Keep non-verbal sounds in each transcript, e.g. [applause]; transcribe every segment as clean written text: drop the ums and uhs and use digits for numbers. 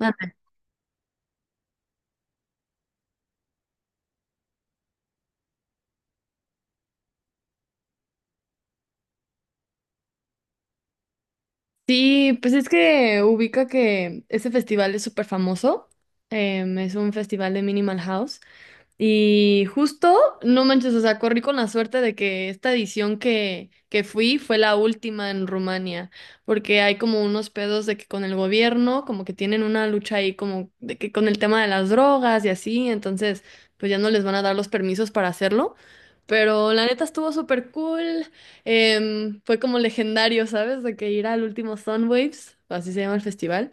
Anda. Sí, pues es que ubica que ese festival es súper famoso. Es un festival de Minimal House. Y justo, no manches, o sea, corrí con la suerte de que esta edición que fui fue la última en Rumania, porque hay como unos pedos de que con el gobierno, como que tienen una lucha ahí como de que con el tema de las drogas y así, entonces pues ya no les van a dar los permisos para hacerlo, pero la neta estuvo súper cool. Fue como legendario, ¿sabes? De que ir al último Soundwaves, así se llama el festival.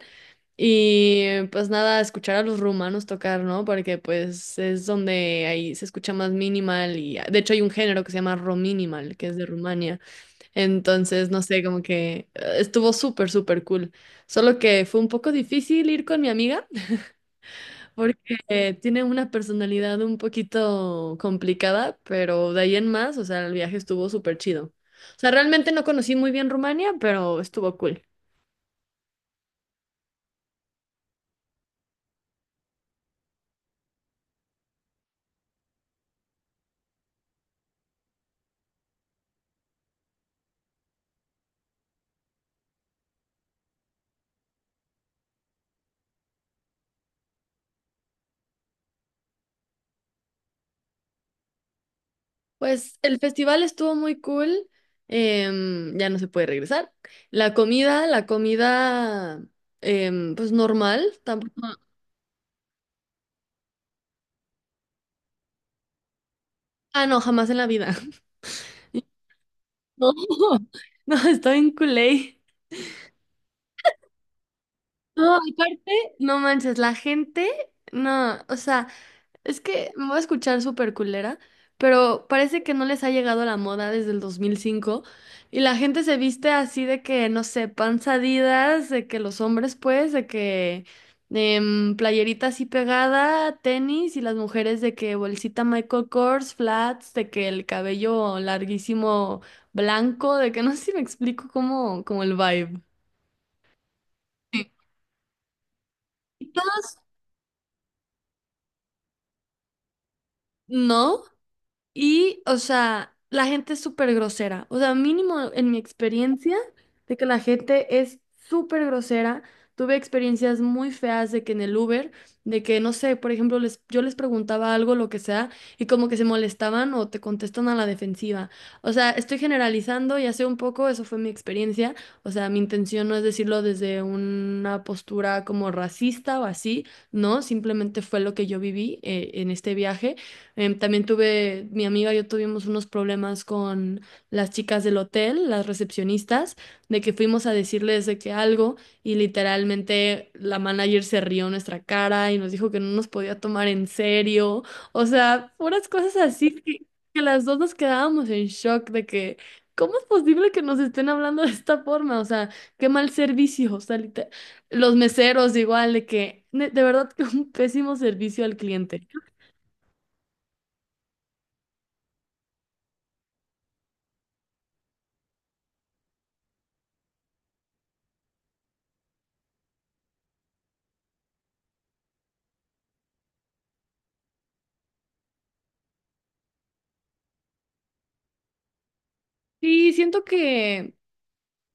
Y pues nada, escuchar a los rumanos tocar, ¿no? Porque pues es donde ahí se escucha más minimal y de hecho hay un género que se llama minimal que es de Rumania. Entonces, no sé, como que estuvo súper, súper cool. Solo que fue un poco difícil ir con mi amiga [laughs] porque tiene una personalidad un poquito complicada, pero de ahí en más, o sea, el viaje estuvo súper chido. O sea, realmente no conocí muy bien Rumania, pero estuvo cool. Pues el festival estuvo muy cool, ya no se puede regresar. La comida, pues normal, tampoco... Ah, no, jamás en la vida. [laughs] No, no, estoy en culé. No, aparte, no manches, la gente, no, o sea... Es que me voy a escuchar súper culera, pero parece que no les ha llegado la moda desde el 2005 y la gente se viste así de que, no sé, panzadidas, de que los hombres pues, de que playerita así pegada, tenis y las mujeres de que bolsita Michael Kors, flats, de que el cabello larguísimo blanco, de que no sé si me explico como el vibe. Sí. Y todos, no. Y, o sea, la gente es súper grosera. O sea, mínimo en mi experiencia de que la gente es súper grosera. Tuve experiencias muy feas de que en el Uber, de que, no sé, por ejemplo, yo les preguntaba algo, lo que sea, y como que se molestaban o te contestan a la defensiva. O sea, estoy generalizando, ya sé un poco, eso fue mi experiencia. O sea, mi intención no es decirlo desde una postura como racista o así, no, simplemente fue lo que yo viví en este viaje. También tuve, mi amiga y yo tuvimos unos problemas con las chicas del hotel, las recepcionistas, de que fuimos a decirles de que algo y literalmente la manager se rió en nuestra cara y nos dijo que no nos podía tomar en serio. O sea, puras cosas así que las dos nos quedábamos en shock de que, ¿cómo es posible que nos estén hablando de esta forma? O sea, qué mal servicio. O sea, los meseros igual, de que, de verdad que un pésimo servicio al cliente. Sí, siento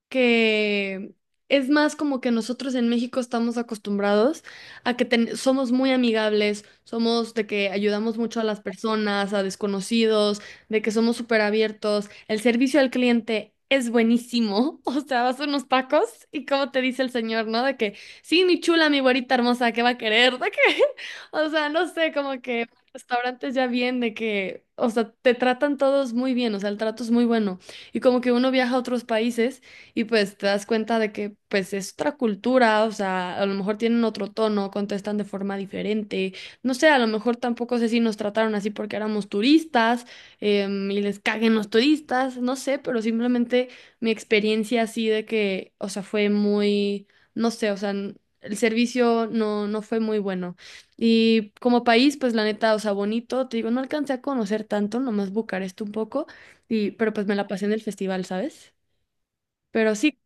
que es más como que nosotros en México estamos acostumbrados a que somos muy amigables, somos de que ayudamos mucho a las personas, a desconocidos, de que somos súper abiertos. El servicio al cliente es buenísimo. [laughs] O sea, vas a unos tacos y como te dice el señor, ¿no? De que, sí, mi chula, mi güerita hermosa, ¿qué va a querer? De que, [laughs] o sea, no sé, como que restaurantes ya bien, de que, o sea, te tratan todos muy bien, o sea, el trato es muy bueno. Y como que uno viaja a otros países. Y pues te das cuenta de que pues es otra cultura, o sea, a lo mejor tienen otro tono, contestan de forma diferente, no sé, a lo mejor tampoco sé si nos trataron así porque éramos turistas y les caguen los turistas, no sé, pero simplemente mi experiencia así de que, o sea, fue muy, no sé, o sea, el servicio no, no fue muy bueno. Y como país, pues la neta, o sea, bonito, te digo, no alcancé a conocer tanto, nomás Bucarest un poco, y, pero pues me la pasé en el festival, ¿sabes? Pero sí.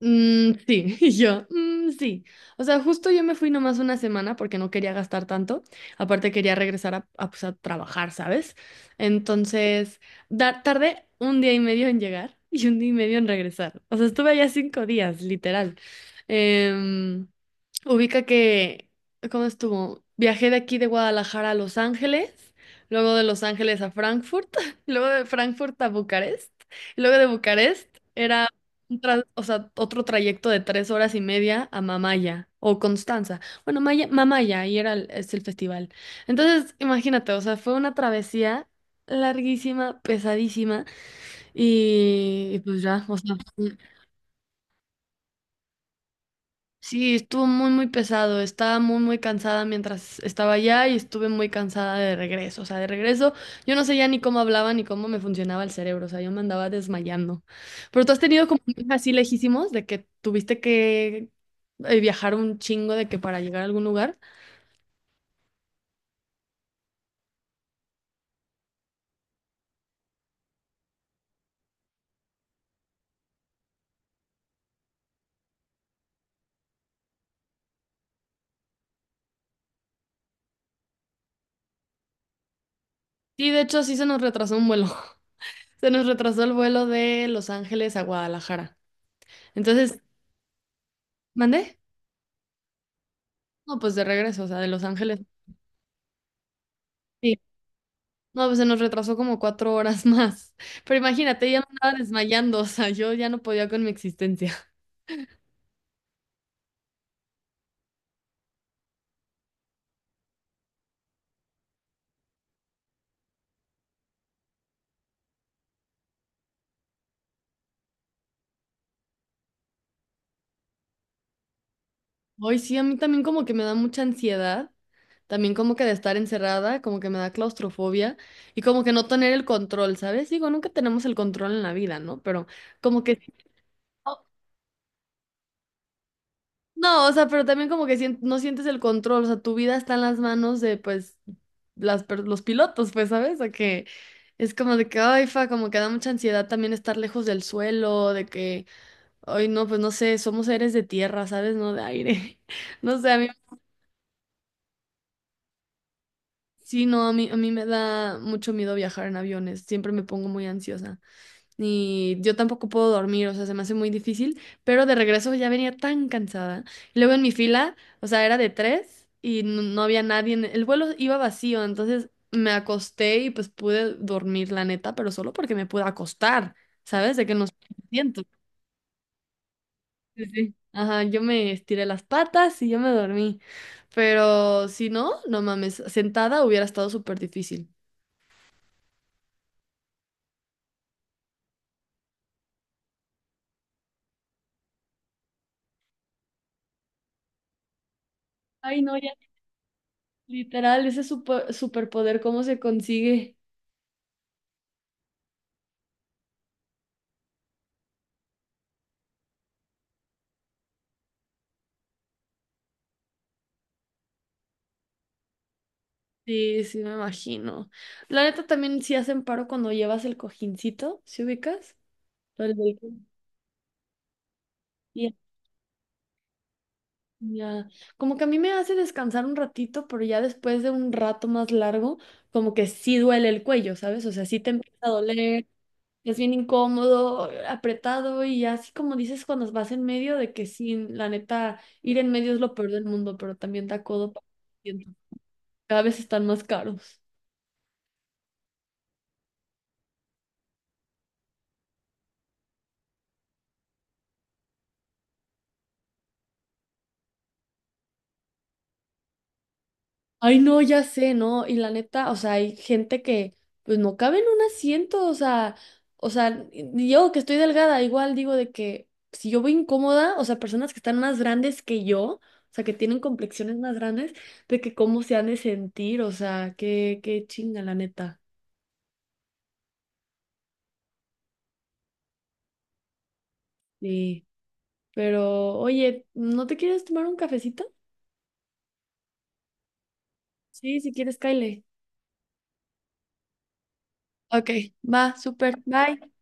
Mm, sí, [laughs] y yo, "Mm, sí." O sea, justo yo me fui nomás una semana porque no quería gastar tanto. Aparte quería regresar pues a trabajar, ¿sabes? Entonces, tardé un día y medio en llegar [laughs] y un día y medio en regresar. O sea, estuve allá 5 días, literal. Em, ubica que, ¿cómo estuvo? Viajé de aquí de Guadalajara a Los Ángeles, luego de Los Ángeles a Frankfurt, [laughs] luego de Frankfurt a Bucarest, y luego de Bucarest era un o sea, otro trayecto de 3 horas y media a Mamaya o Constanza. Bueno, Maya, Mamaya, ahí era el, es el festival. Entonces, imagínate, o sea, fue una travesía larguísima, pesadísima, y pues ya, o sea, sí, estuvo muy, muy pesado. Estaba muy, muy cansada mientras estaba allá y estuve muy cansada de regreso. O sea, de regreso yo no sé ya ni cómo hablaba ni cómo me funcionaba el cerebro. O sea, yo me andaba desmayando. Pero tú has tenido como un viaje así lejísimos de que tuviste que viajar un chingo de que para llegar a algún lugar. Sí, de hecho sí se nos retrasó un vuelo. [laughs] Se nos retrasó el vuelo de Los Ángeles a Guadalajara. Entonces, ¿mandé? No, pues de regreso, o sea, de Los Ángeles. No, pues se nos retrasó como 4 horas [laughs] más. Pero imagínate, ya me andaba desmayando, o sea, yo ya no podía con mi existencia. Hoy sí, a mí también como que me da mucha ansiedad, también como que de estar encerrada, como que me da claustrofobia y como que no tener el control, ¿sabes? Digo, nunca tenemos el control en la vida, ¿no? Pero como que... No, no, o sea, pero también como que no sientes el control, o sea, tu vida está en las manos de, pues, las, los pilotos, pues, ¿sabes? O que... Es como de que, ay, fa, como que da mucha ansiedad también estar lejos del suelo, de que ay, no, pues no sé, somos seres de tierra, ¿sabes? No de aire. [laughs] No sé, a mí sí, no, a mí me da mucho miedo viajar en aviones, siempre me pongo muy ansiosa. Y yo tampoco puedo dormir, o sea, se me hace muy difícil, pero de regreso ya venía tan cansada. Y luego en mi fila, o sea, era de tres y no, no había nadie, el vuelo iba vacío, entonces me acosté y pues pude dormir, la neta, pero solo porque me pude acostar, ¿sabes? De que no sí, sí. Ajá, yo me estiré las patas y yo me dormí. Pero si no, no mames, sentada hubiera estado súper difícil. Ay, no, ya. Literal, ese superpoder, ¿cómo se consigue? Sí, sí, me imagino. La neta también sí hacen paro cuando llevas el cojincito, ¿sí ubicas? Lo del velcro. Y ya. Como que a mí me hace descansar un ratito, pero ya después de un rato más largo, como que sí duele el cuello, ¿sabes? O sea, sí te empieza a doler. Es bien incómodo, apretado y así como dices cuando vas en medio de que sí, la neta, ir en medio es lo peor del mundo, pero también da codo. Siento. Cada vez están más caros. Ay, no, ya sé, ¿no? Y la neta, o sea, hay gente que pues no cabe en un asiento, o sea, yo que estoy delgada, igual digo de que si yo voy incómoda, o sea, personas que están más grandes que yo, o sea, que tienen complexiones más grandes, de que cómo se han de sentir, o sea, qué, qué chinga, la neta. Sí. Pero, oye, ¿no te quieres tomar un cafecito? Sí, si quieres, Kyle. Ok, va, súper. Bye.